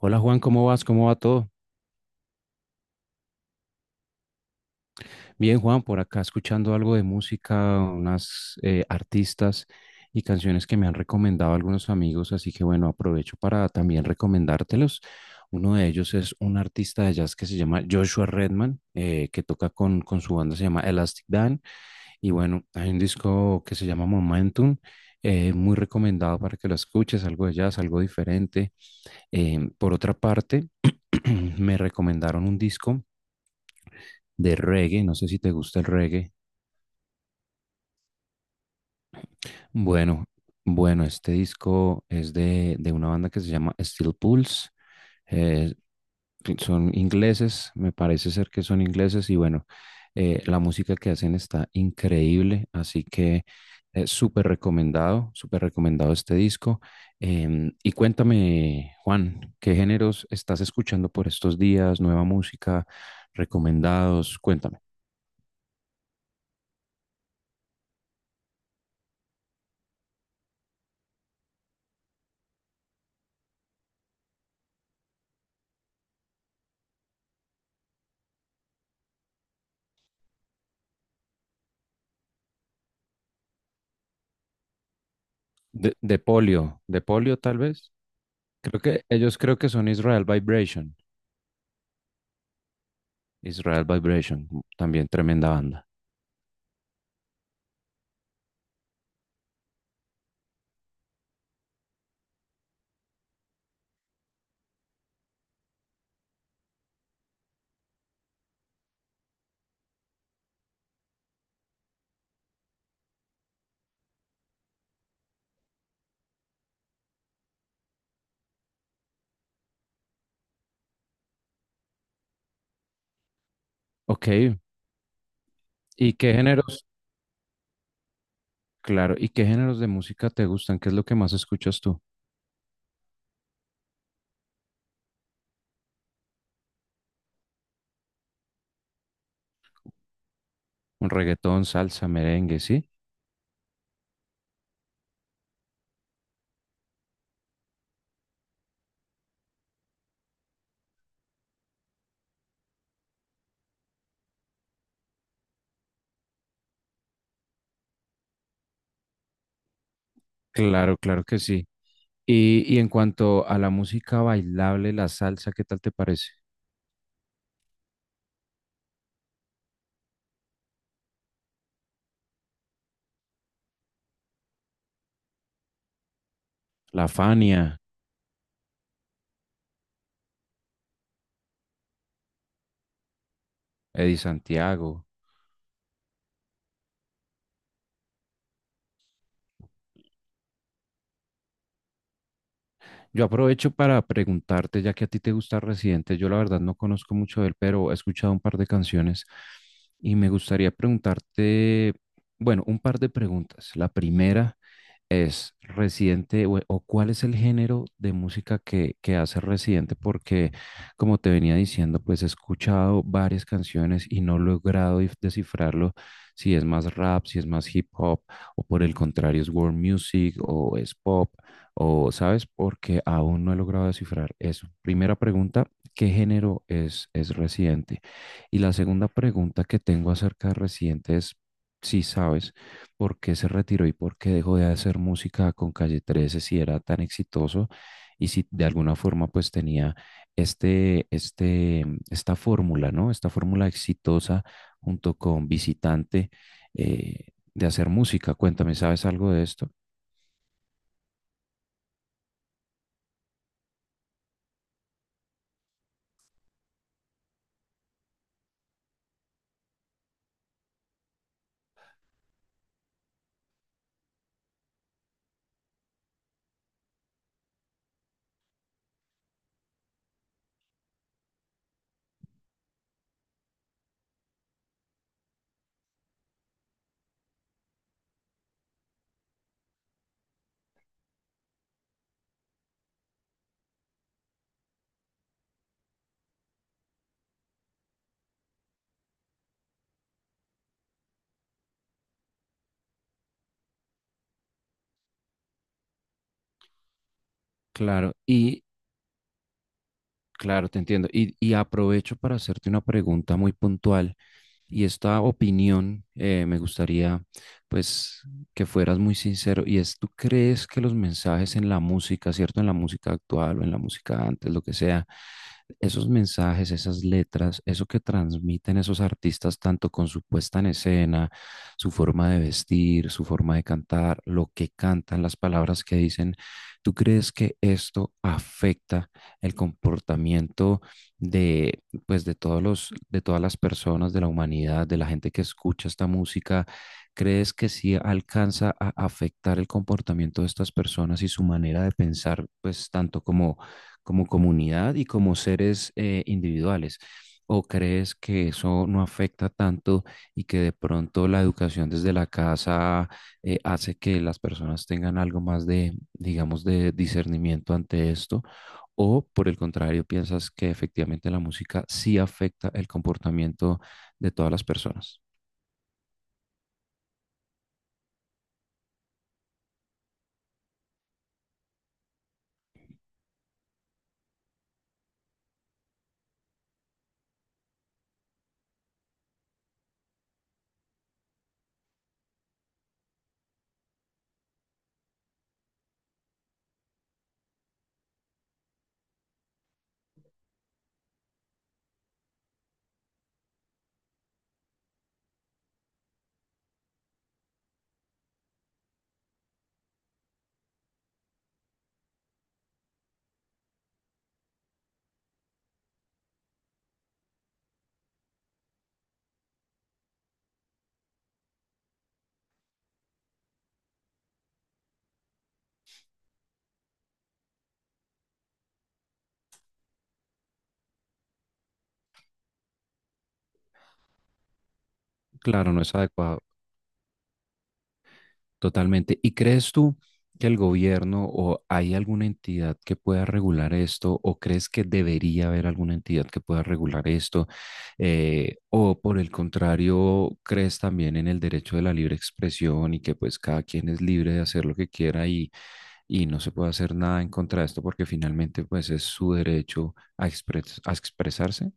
Hola Juan, ¿cómo vas? ¿Cómo va todo? Bien Juan, por acá escuchando algo de música, unas artistas y canciones que me han recomendado algunos amigos, así que bueno, aprovecho para también recomendártelos. Uno de ellos es un artista de jazz que se llama Joshua Redman, que toca con su banda, se llama Elastic Dan, y bueno, hay un disco que se llama Momentum, muy recomendado para que lo escuches, algo de jazz, algo diferente. Por otra parte, me recomendaron un disco de reggae. No sé si te gusta el reggae. Bueno, bueno, este disco es de una banda que se llama Steel Pulse. Eh, son ingleses, me parece ser que son ingleses y bueno, la música que hacen está increíble, así que súper recomendado este disco. Em, y cuéntame, Juan, ¿qué géneros estás escuchando por estos días? ¿Nueva música? ¿Recomendados? Cuéntame. De polio, de polio tal vez. Creo que ellos creo que son Israel Vibration. Israel Vibration, también tremenda banda. Ok, ¿y qué géneros? Claro, ¿y qué géneros de música te gustan? ¿Qué es lo que más escuchas tú? ¿Un reggaetón, salsa, merengue, sí? Claro, claro que sí. Y en cuanto a la música bailable, la salsa, ¿qué tal te parece? La Fania, Eddie Santiago. Yo aprovecho para preguntarte, ya que a ti te gusta Residente, yo la verdad no conozco mucho de él, pero he escuchado un par de canciones y me gustaría preguntarte, bueno, un par de preguntas. La primera, ¿es Residente o cuál es el género de música que hace Residente? Porque, como te venía diciendo, pues he escuchado varias canciones y no he logrado descifrarlo, si es más rap, si es más hip hop, o por el contrario es world music o es pop, o sabes, porque aún no he logrado descifrar eso. Primera pregunta, ¿qué género es Residente? Y la segunda pregunta que tengo acerca de Residente es si sabes por qué se retiró y por qué dejó de hacer música con Calle 13 si era tan exitoso y si de alguna forma pues tenía esta fórmula, ¿no? Esta fórmula exitosa junto con Visitante eh, de hacer música. Cuéntame, ¿sabes algo de esto? Claro, y claro, te entiendo. Y aprovecho para hacerte una pregunta muy puntual. Y esta opinión, me gustaría pues que fueras muy sincero, y es, ¿tú crees que los mensajes en la música, cierto, en la música actual o en la música antes, lo que sea, esos mensajes, esas letras, eso que transmiten esos artistas tanto con su puesta en escena, su forma de vestir, su forma de cantar, lo que cantan, las palabras que dicen, tú crees que esto afecta el comportamiento de, pues de todos los, de todas las personas de la humanidad, de la gente que escucha esta música, crees que sí alcanza a afectar el comportamiento de estas personas y su manera de pensar, pues tanto como como comunidad y como seres individuales? ¿O crees que eso no afecta tanto y que de pronto la educación desde la casa hace que las personas tengan algo más de, digamos, de discernimiento ante esto, o por el contrario, piensas que efectivamente la música sí afecta el comportamiento de todas las personas? Claro, no es adecuado. Totalmente. ¿Y crees tú que el gobierno o hay alguna entidad que pueda regular esto, o crees que debería haber alguna entidad que pueda regular esto? ¿O por el contrario, crees también en el derecho de la libre expresión y que pues cada quien es libre de hacer lo que quiera, y no se puede hacer nada en contra de esto porque finalmente pues es su derecho a, a expresarse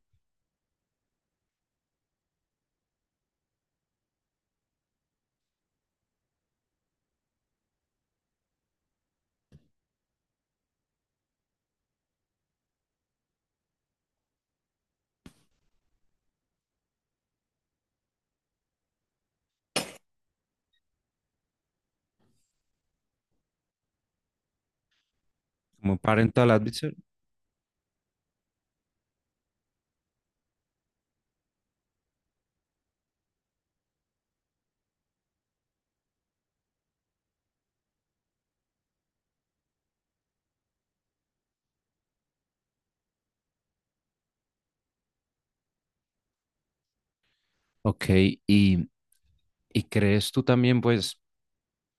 como parental advisor? Ok, y, y crees tú también, pues...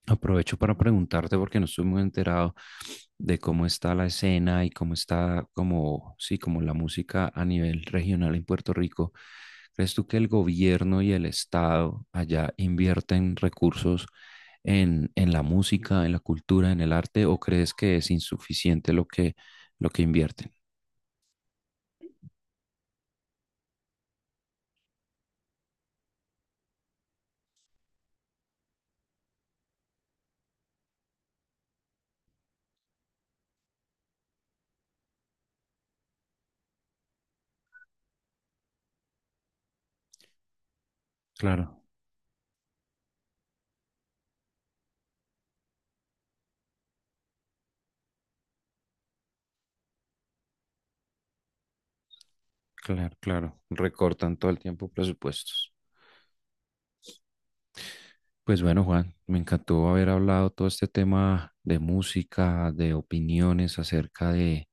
Aprovecho para preguntarte porque no estoy muy enterado de cómo está la escena y cómo está, como sí, como la música a nivel regional en Puerto Rico. ¿Crees tú que el gobierno y el Estado allá invierten recursos en la música, en la cultura, en el arte, o crees que es insuficiente lo que invierten? Claro, claro, claro. Recortan todo el tiempo presupuestos. Pues bueno, Juan, me encantó haber hablado todo este tema de música, de opiniones acerca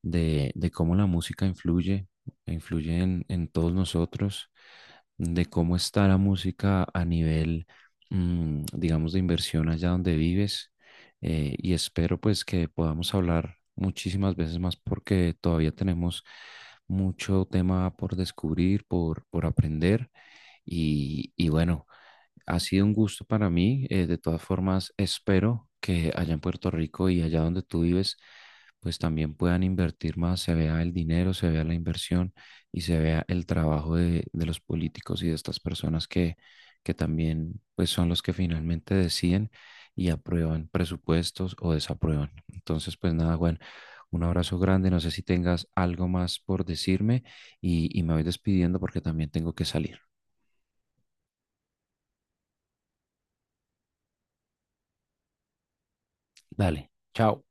de cómo la música influye, influye en todos nosotros, de cómo está la música a nivel, digamos, de inversión allá donde vives. Y espero pues que podamos hablar muchísimas veces más porque todavía tenemos mucho tema por descubrir, por aprender. Y y bueno. Ha sido un gusto para mí. De todas formas, espero que allá en Puerto Rico y allá donde tú vives, pues también puedan invertir más, se vea el dinero, se vea la inversión y se vea el trabajo de los políticos y de estas personas que también pues son los que finalmente deciden y aprueban presupuestos o desaprueban. Entonces, pues nada, Juan, un abrazo grande. No sé si tengas algo más por decirme y me voy despidiendo porque también tengo que salir. Dale, chao.